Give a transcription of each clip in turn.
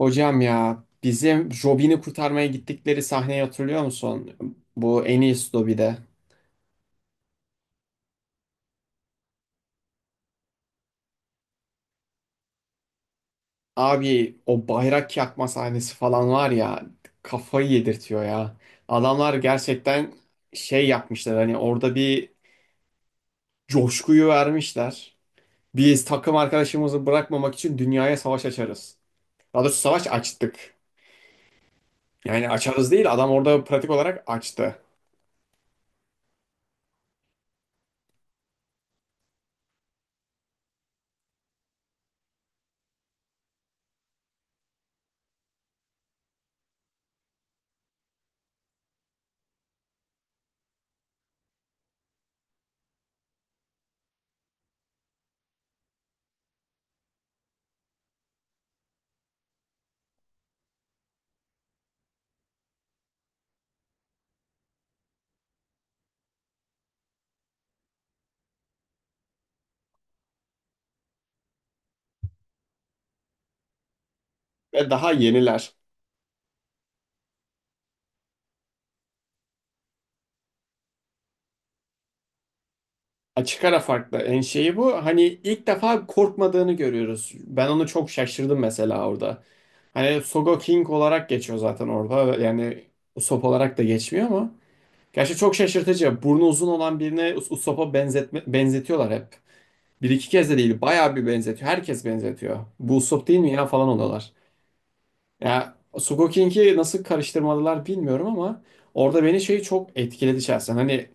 Hocam ya bizim Robin'i kurtarmaya gittikleri sahneyi hatırlıyor musun? Bu en iyisi Dobby'de. Abi o bayrak yakma sahnesi falan var ya, kafayı yedirtiyor ya. Adamlar gerçekten şey yapmışlar, hani orada bir coşkuyu vermişler. Biz takım arkadaşımızı bırakmamak için dünyaya savaş açarız. Daha doğrusu savaş açtık. Yani açarız değil, adam orada pratik olarak açtı. Ve daha yeniler. Açık ara farklı. En şeyi bu. Hani ilk defa korkmadığını görüyoruz. Ben onu çok şaşırdım mesela orada. Hani Sogo King olarak geçiyor zaten orada. Yani Usopp olarak da geçmiyor ama. Gerçi çok şaşırtıcı. Burnu uzun olan birine Usopp'a benzetme, benzetiyorlar hep. Bir iki kez de değil. Bayağı bir benzetiyor. Herkes benzetiyor. Bu Usopp değil mi ya falan oluyorlar. Ya Sogo King'i nasıl karıştırmadılar bilmiyorum ama orada beni şey çok etkiledi şahsen. Hani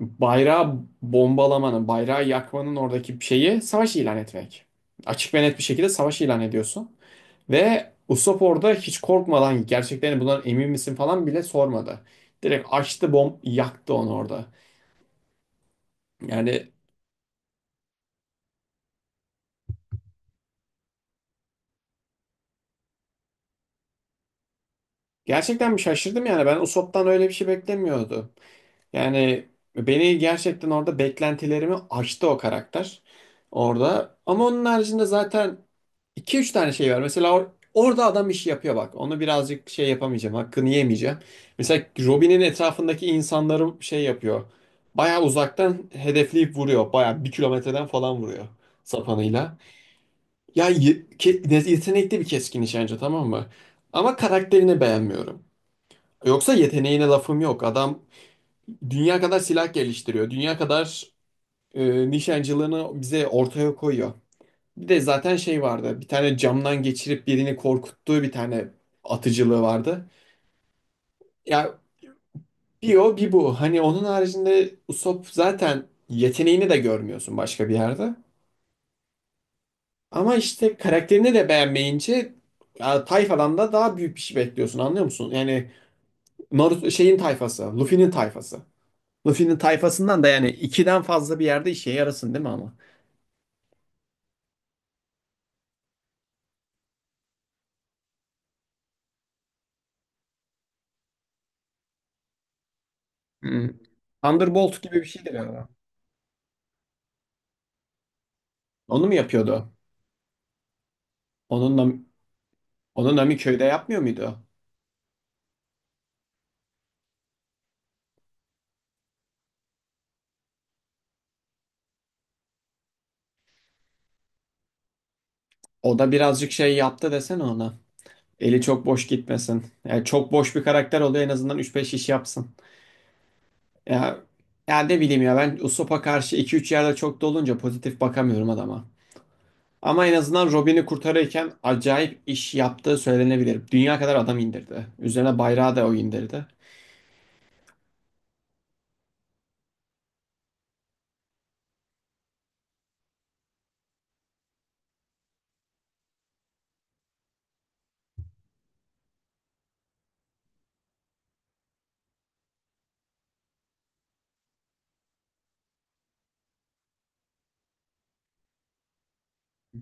bayrağı bombalamanın, bayrağı yakmanın oradaki şeyi savaş ilan etmek. Açık ve net bir şekilde savaş ilan ediyorsun. Ve Usopp orada hiç korkmadan gerçeklerini bundan emin misin falan bile sormadı. Direkt açtı, bomb yaktı onu orada. Yani gerçekten bir şaşırdım, yani ben Usopp'tan öyle bir şey beklemiyordu. Yani beni gerçekten orada beklentilerimi aştı o karakter orada. Ama onun haricinde zaten iki üç tane şey var. Mesela orada adam işi yapıyor bak. Onu birazcık şey yapamayacağım, hakkını yemeyeceğim. Mesela Robin'in etrafındaki insanları şey yapıyor. Bayağı uzaktan hedefleyip vuruyor. Bayağı 1 kilometreden falan vuruyor sapanıyla. Ya yetenekli bir keskin nişancı, tamam mı? Ama karakterini beğenmiyorum. Yoksa yeteneğine lafım yok. Adam dünya kadar silah geliştiriyor. Dünya kadar nişancılığını bize ortaya koyuyor. Bir de zaten şey vardı. Bir tane camdan geçirip birini korkuttuğu bir tane atıcılığı vardı. Ya bir o bir bu. Hani onun haricinde Usopp zaten yeteneğini de görmüyorsun başka bir yerde. Ama işte karakterini de beğenmeyince ya, tayfadan da daha büyük bir şey bekliyorsun, anlıyor musun? Yani Naruto şeyin tayfası, Luffy'nin tayfası. Luffy'nin tayfasından da yani ikiden fazla bir yerde işe yarasın değil mi ama? Thunderbolt gibi bir şeydi galiba. Onu mu yapıyordu? Onunla, onu Namiköy'de yapmıyor muydu? O da birazcık şey yaptı desene ona. Eli çok boş gitmesin. Yani çok boş bir karakter oluyor, en azından üç beş iş yapsın. Ya, ya ne bileyim ya, ben Usopp'a karşı iki üç yerde çok dolunca pozitif bakamıyorum adama. Ama en azından Robin'i kurtarırken acayip iş yaptığı söylenebilir. Dünya kadar adam indirdi. Üzerine bayrağı da o indirdi.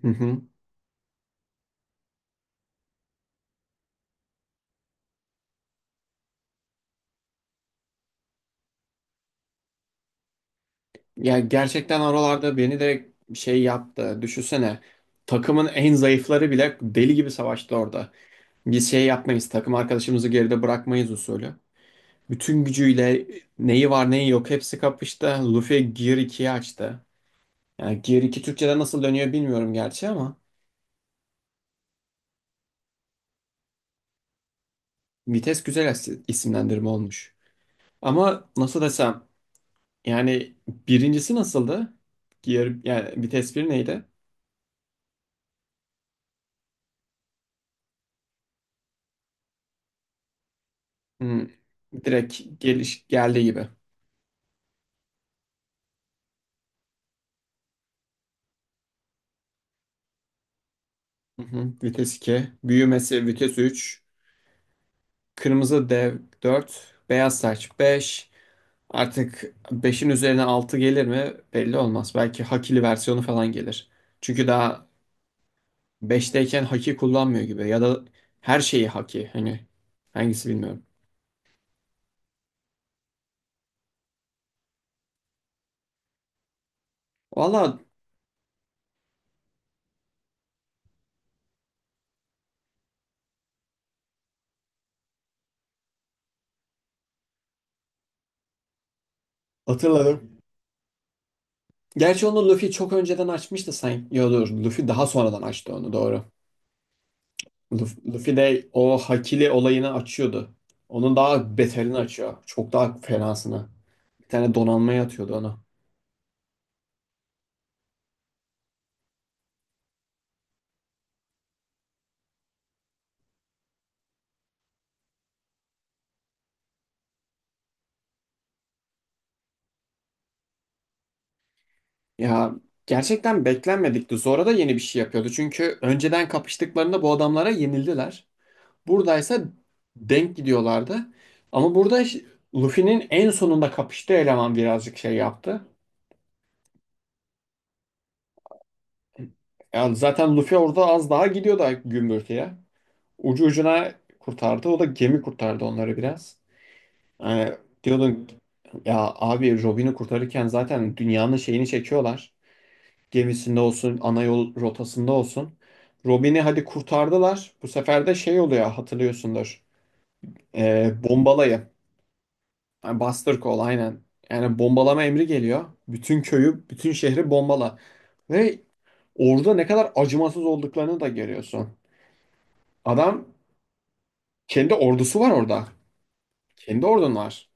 Hı hı. Ya gerçekten oralarda beni de şey yaptı. Düşünsene. Takımın en zayıfları bile deli gibi savaştı orada. Biz şey yapmayız. Takım arkadaşımızı geride bırakmayız usulü. Bütün gücüyle neyi var neyi yok hepsi kapıştı. Luffy Gear 2'yi açtı. Yani Gear 2 Türkçe'de nasıl dönüyor bilmiyorum gerçi ama. Vites güzel isimlendirme olmuş. Ama nasıl desem, yani birincisi nasıldı? Diğer, yani vites bir neydi? Hmm, direkt geliş geldiği gibi. Hı hı. Vites 2, büyümesi vites 3, kırmızı dev 4, beyaz saç 5. Artık 5'in üzerine 6 gelir mi belli olmaz. Belki hakili versiyonu falan gelir. Çünkü daha 5'teyken haki kullanmıyor gibi, ya da her şeyi haki, hani hangisi bilmiyorum. Valla hatırladım. Gerçi onu Luffy çok önceden açmıştı sanki. Yo dur, Luffy daha sonradan açtı onu, doğru. Luffy de o Hakili olayını açıyordu. Onun daha beterini açıyor. Çok daha fenasını. Bir tane donanmaya atıyordu onu. Ya gerçekten beklenmedikti. Zora da yeni bir şey yapıyordu. Çünkü önceden kapıştıklarında bu adamlara yenildiler. Buradaysa denk gidiyorlardı. Ama burada Luffy'nin en sonunda kapıştığı eleman birazcık şey yaptı. Ya zaten Luffy orada az daha gidiyordu gümbürtüye. Ucu ucuna kurtardı. O da gemi kurtardı onları biraz. Yani diyordun ya abi, Robin'i kurtarırken zaten dünyanın şeyini çekiyorlar. Gemisinde olsun, ana yol rotasında olsun. Robin'i hadi kurtardılar. Bu sefer de şey oluyor, hatırlıyorsundur. Bombalayı. Yani Buster Call aynen. Yani bombalama emri geliyor. Bütün köyü, bütün şehri bombala. Ve orada ne kadar acımasız olduklarını da görüyorsun. Adam kendi ordusu var orada. Kendi ordun var.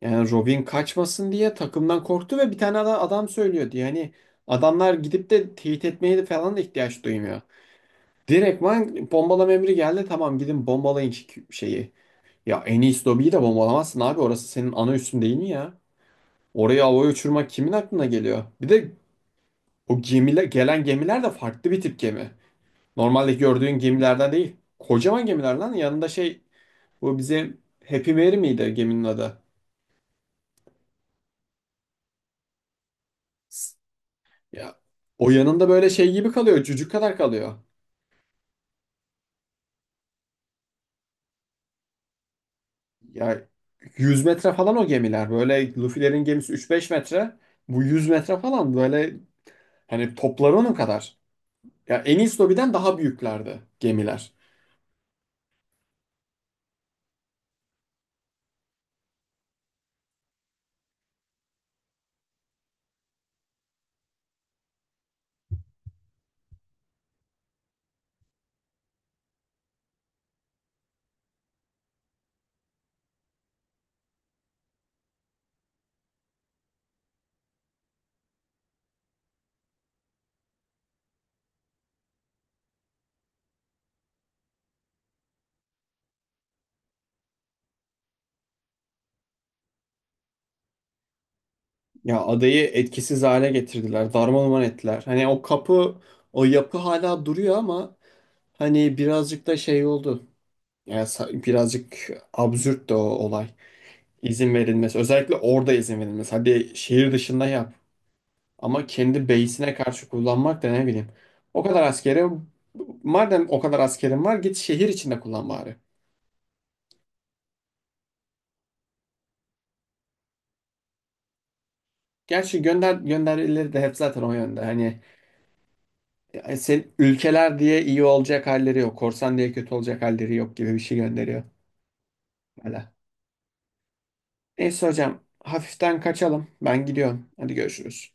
Yani Robin kaçmasın diye takımdan korktu ve bir tane adam söylüyor diye. Hani adamlar gidip de teyit etmeye de falan da ihtiyaç duymuyor. Direktman bombalama emri geldi. Tamam, gidin bombalayın şeyi. Ya en iyisi lobiyi de bombalamazsın abi. Orası senin ana üssün değil mi ya? Oraya havaya uçurmak kimin aklına geliyor? Bir de o gemiler, gelen gemiler de farklı bir tip gemi. Normalde gördüğün gemilerden değil. Kocaman gemiler lan yanında, şey, bu bize Happy Mary miydi geminin adı? Ya o yanında böyle şey gibi kalıyor. Cücük kadar kalıyor. Ya 100 metre falan o gemiler. Böyle Luffy'lerin gemisi üç beş metre. Bu 100 metre falan böyle, hani topları onun kadar. Ya Enies Lobby'den daha büyüklerdi gemiler. Ya adayı etkisiz hale getirdiler. Darmaduman ettiler. Hani o kapı, o yapı hala duruyor ama hani birazcık da şey oldu. Ya birazcık absürt de o olay. İzin verilmesi. Özellikle orada izin verilmesi. Hadi şehir dışında yap. Ama kendi base'ine karşı kullanmak da ne bileyim. O kadar askeri, madem o kadar askerin var git şehir içinde kullan bari. Gerçi gönder gönderileri de hep zaten o yönde. Hani sen ülkeler diye iyi olacak halleri yok. Korsan diye kötü olacak halleri yok gibi bir şey gönderiyor. Hala. Neyse hocam, hafiften kaçalım. Ben gidiyorum. Hadi görüşürüz.